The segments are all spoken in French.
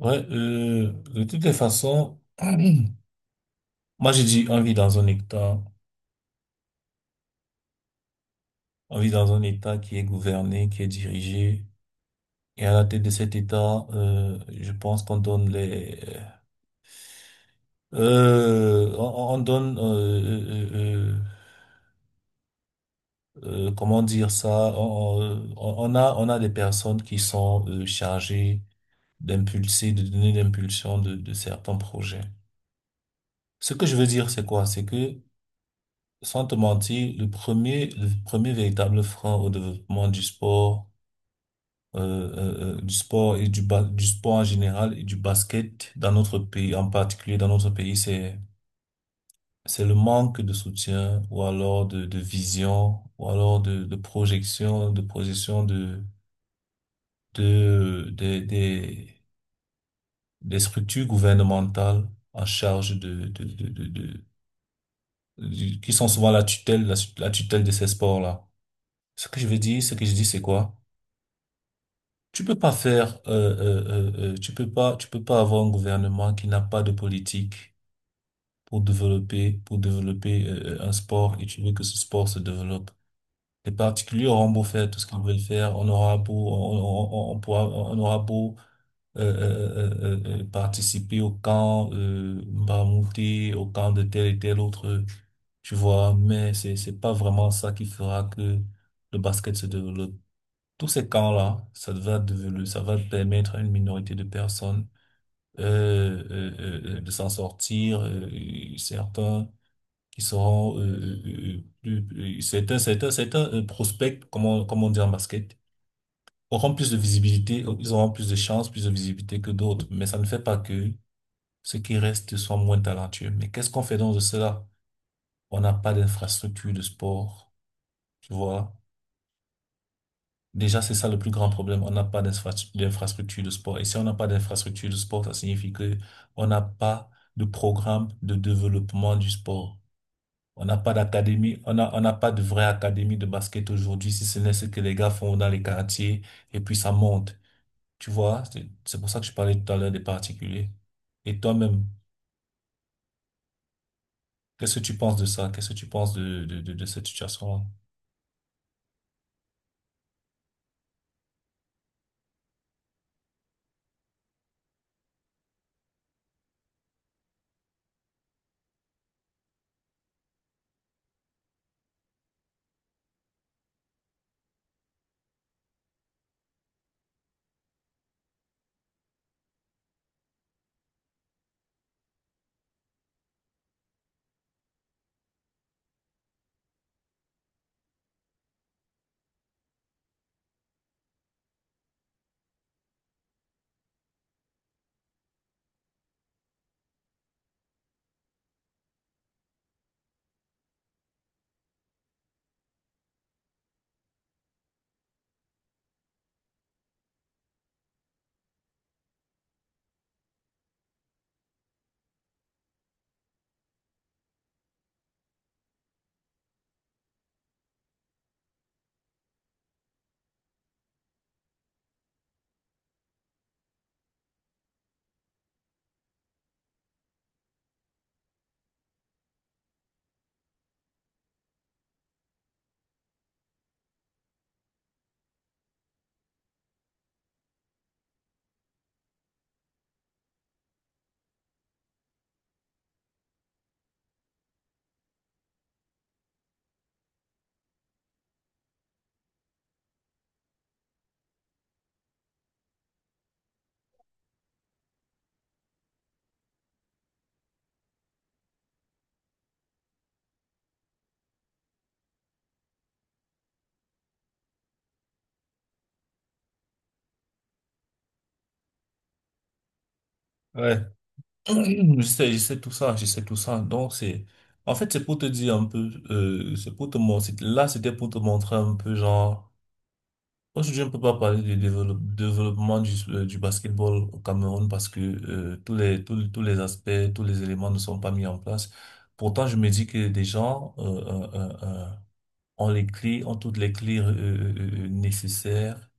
Ouais, de toutes les façons, moi j'ai dit on vit dans un État, on vit dans un État qui est gouverné, qui est dirigé, et à la tête de cet État, je pense qu'on donne les, euh, on, on donne, comment dire ça, on a des personnes qui sont chargées d'impulser, de donner l'impulsion de certains projets. Ce que je veux dire, c'est quoi? C'est que sans te mentir, le premier véritable frein au développement euh, du sport et du sport en général et du basket dans notre pays, en particulier dans notre pays, c'est le manque de soutien ou alors de vision ou alors de projection de, des, des, des structures gouvernementales en charge qui sont souvent la tutelle, la tutelle de ces sports-là. Ce que je veux dire, ce que je dis, c'est quoi? Tu peux pas faire, tu peux pas avoir un gouvernement qui n'a pas de politique pour développer un sport et tu veux que ce sport se développe. Les particuliers auront beau faire tout ce qu'ils veulent faire, on aura beau, on pourra, on aura beau participer au camp Mbamouté, au camp de tel et tel autre, tu vois, mais c'est pas vraiment ça qui fera que le basket se développe. Tous ces camps-là, ça va permettre à une minorité de personnes de s'en sortir. Certains qui seront euh, euh, plus- certains, certains prospects, comment on dit en basket, auront plus de visibilité, ils auront plus de chances, plus de visibilité que d'autres. Mais ça ne fait pas que ceux qui restent soient moins talentueux. Mais qu'est-ce qu'on fait donc de cela? On n'a pas d'infrastructure de sport, tu vois. Déjà, c'est ça le plus grand problème. On n'a pas d'infrastructure de sport. Et si on n'a pas d'infrastructure de sport, ça signifie que on n'a pas de programme de développement du sport. On n'a pas d'académie, on n'a pas de vraie académie de basket aujourd'hui, si ce n'est ce que les gars font dans les quartiers, et puis ça monte. Tu vois, c'est pour ça que je parlais tout à l'heure des particuliers. Et toi-même, qu'est-ce que tu penses de ça? Qu'est-ce que tu penses de cette situation-là? Ouais, je sais tout ça, je sais tout ça. Donc, c'est, en fait, c'est pour te dire un peu, c'est pour te montrer, là, c'était pour te montrer un peu, genre, aujourd'hui, on peut pas parler du développement du basketball au Cameroun parce que, tous les, tous, les tous les aspects, tous les éléments ne sont pas mis en place. Pourtant, je me dis que des gens, ont les clés, ont toutes les clés, nécessaires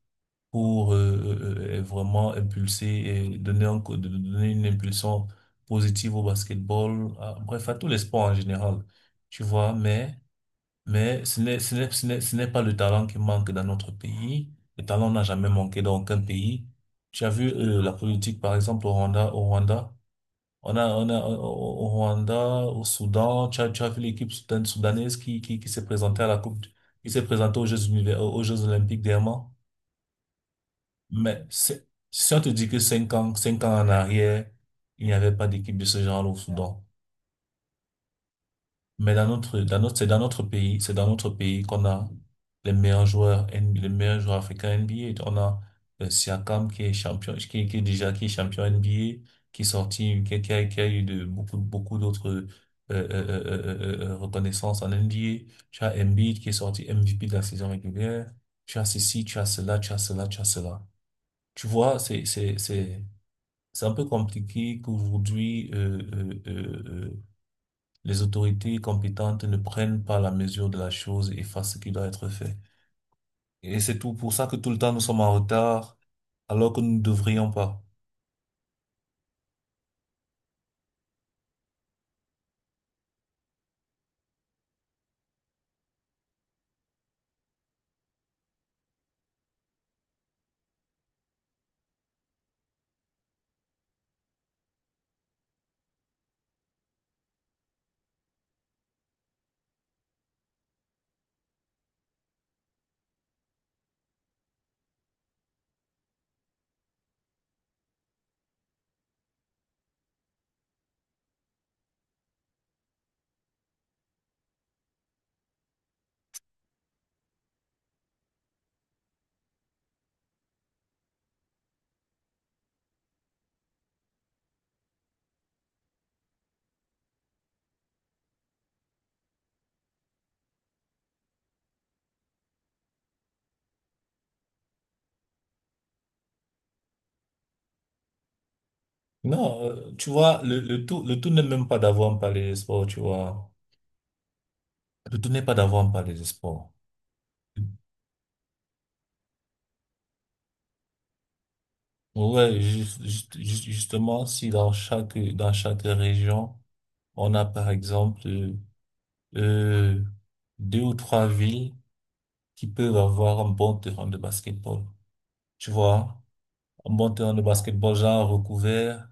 pour vraiment impulser et donner, un co- de- donner une impulsion positive au basketball, bref, à tous les sports en général, tu vois, mais ce n'est pas le talent qui manque dans notre pays. Le talent n'a jamais manqué dans aucun pays. Tu as vu la politique, par exemple, au Rwanda. On a, au au- au Rwanda, au Soudan, tu as vu l'équipe soudanaise qui s'est présentée à la Coupe, qui s'est présentée aux aux Jeux Olympiques dernièrement. Mais si on te dit que 5 ans, 5 ans en arrière, il n'y avait pas d'équipe de ce genre au Soudan. Mais dans notre pays, c'est dans notre pays qu'on a les meilleurs joueurs, N- B A les meilleurs joueurs africains NBA. On a Siakam qui est champion, qui est champion NBA, qui est sorti, qui a eu de beaucoup, beaucoup d'autres reconnaissances en NBA. Tu as Embiid qui est sorti MVP de la saison régulière. Tu as ceci, tu as cela, tu as cela, tu as cela. Tu vois, c'est un peu compliqué qu'aujourd'hui, les autorités compétentes ne prennent pas la mesure de la chose et fassent ce qui doit être fait. Et c'est tout pour ça que tout le temps nous sommes en retard alors que nous ne devrions pas. Non, tu vois, le tout n'est même pas d'avoir un palais des sports, tu vois. Le tout n'est pas d'avoir un palais des sports. Ouais, justement, si dans chaque région, on a par exemple euh, deux ou trois villes qui peuvent avoir un bon terrain de basketball. Tu vois, un bon terrain de basketball, genre recouvert,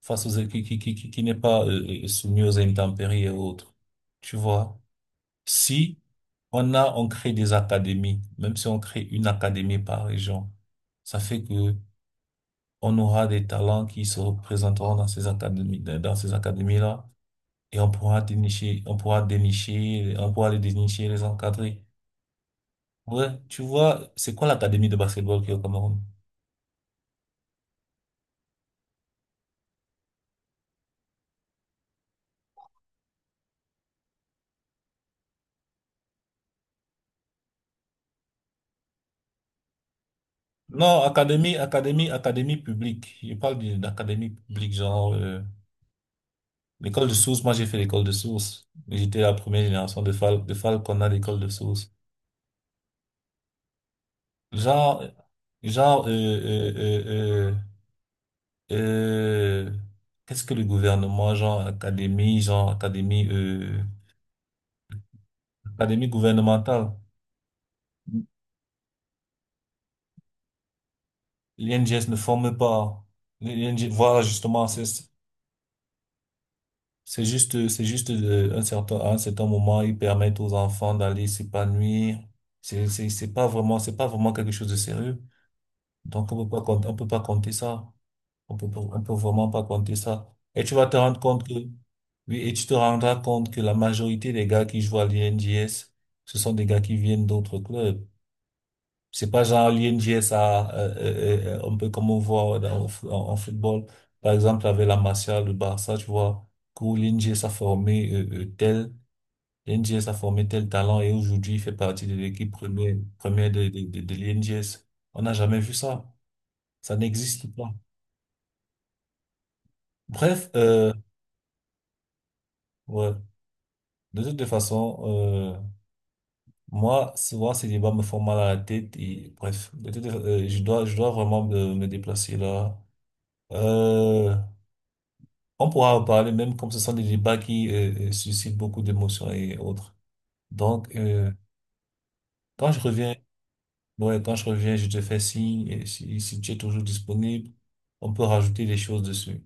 face aux, qui n'est pas soumis aux intempéries et autres. Tu vois, si on crée des académies, même si on crée une académie par région, ça fait que on aura des talents qui se représenteront dans ces académies, dans ces académies-là, et on pourra dénicher, on pourra dénicher, on pourra les dénicher, les encadrer. Ouais, tu vois, c'est quoi l'académie de basketball qui est au Cameroun? Non, académie publique. Je parle académie publique, genre l'école de source. Moi, j'ai fait l'école de source. J'étais la première génération de Fal qu'on a l'école de source. Genre, genre, euh, euh, euh, euh, euh, qu'est-ce que le gouvernement, genre académie, académie gouvernementale. L'INGS ne forme pas. L'INGS, voilà justement, c'est juste, c'est juste de, un certain, à un certain moment, ils permettent aux enfants d'aller s'épanouir. C'est pas vraiment quelque chose de sérieux. Donc, on peut pas compter ça. On peut vraiment pas compter ça. Et tu vas te rendre compte que, oui, et tu te rendras compte que la majorité des gars qui jouent à l'INJS, ce sont des gars qui viennent d'autres clubs. C'est pas genre l'UNJSA, un peu comme on voit dans, en football. Par exemple, avec la Martial, le Barça, tu vois, que l'UNJSA a formé tel, l'UNJS a formé tel talent et aujourd'hui, il fait partie de l'équipe première, de, de l'UNJS. On n'a jamais vu ça. Ça n'existe pas. Bref, ouais. De toute façon, moi, souvent, ces débats me font mal à la tête et bref, de toute, je dois vraiment me, me déplacer là. Euh, On pourra en parler même comme ce sont des débats qui suscitent beaucoup d'émotions et autres. Donc, quand je reviens, ouais, quand je reviens, je te fais signe. Et si, si tu es toujours disponible, on peut rajouter des choses dessus.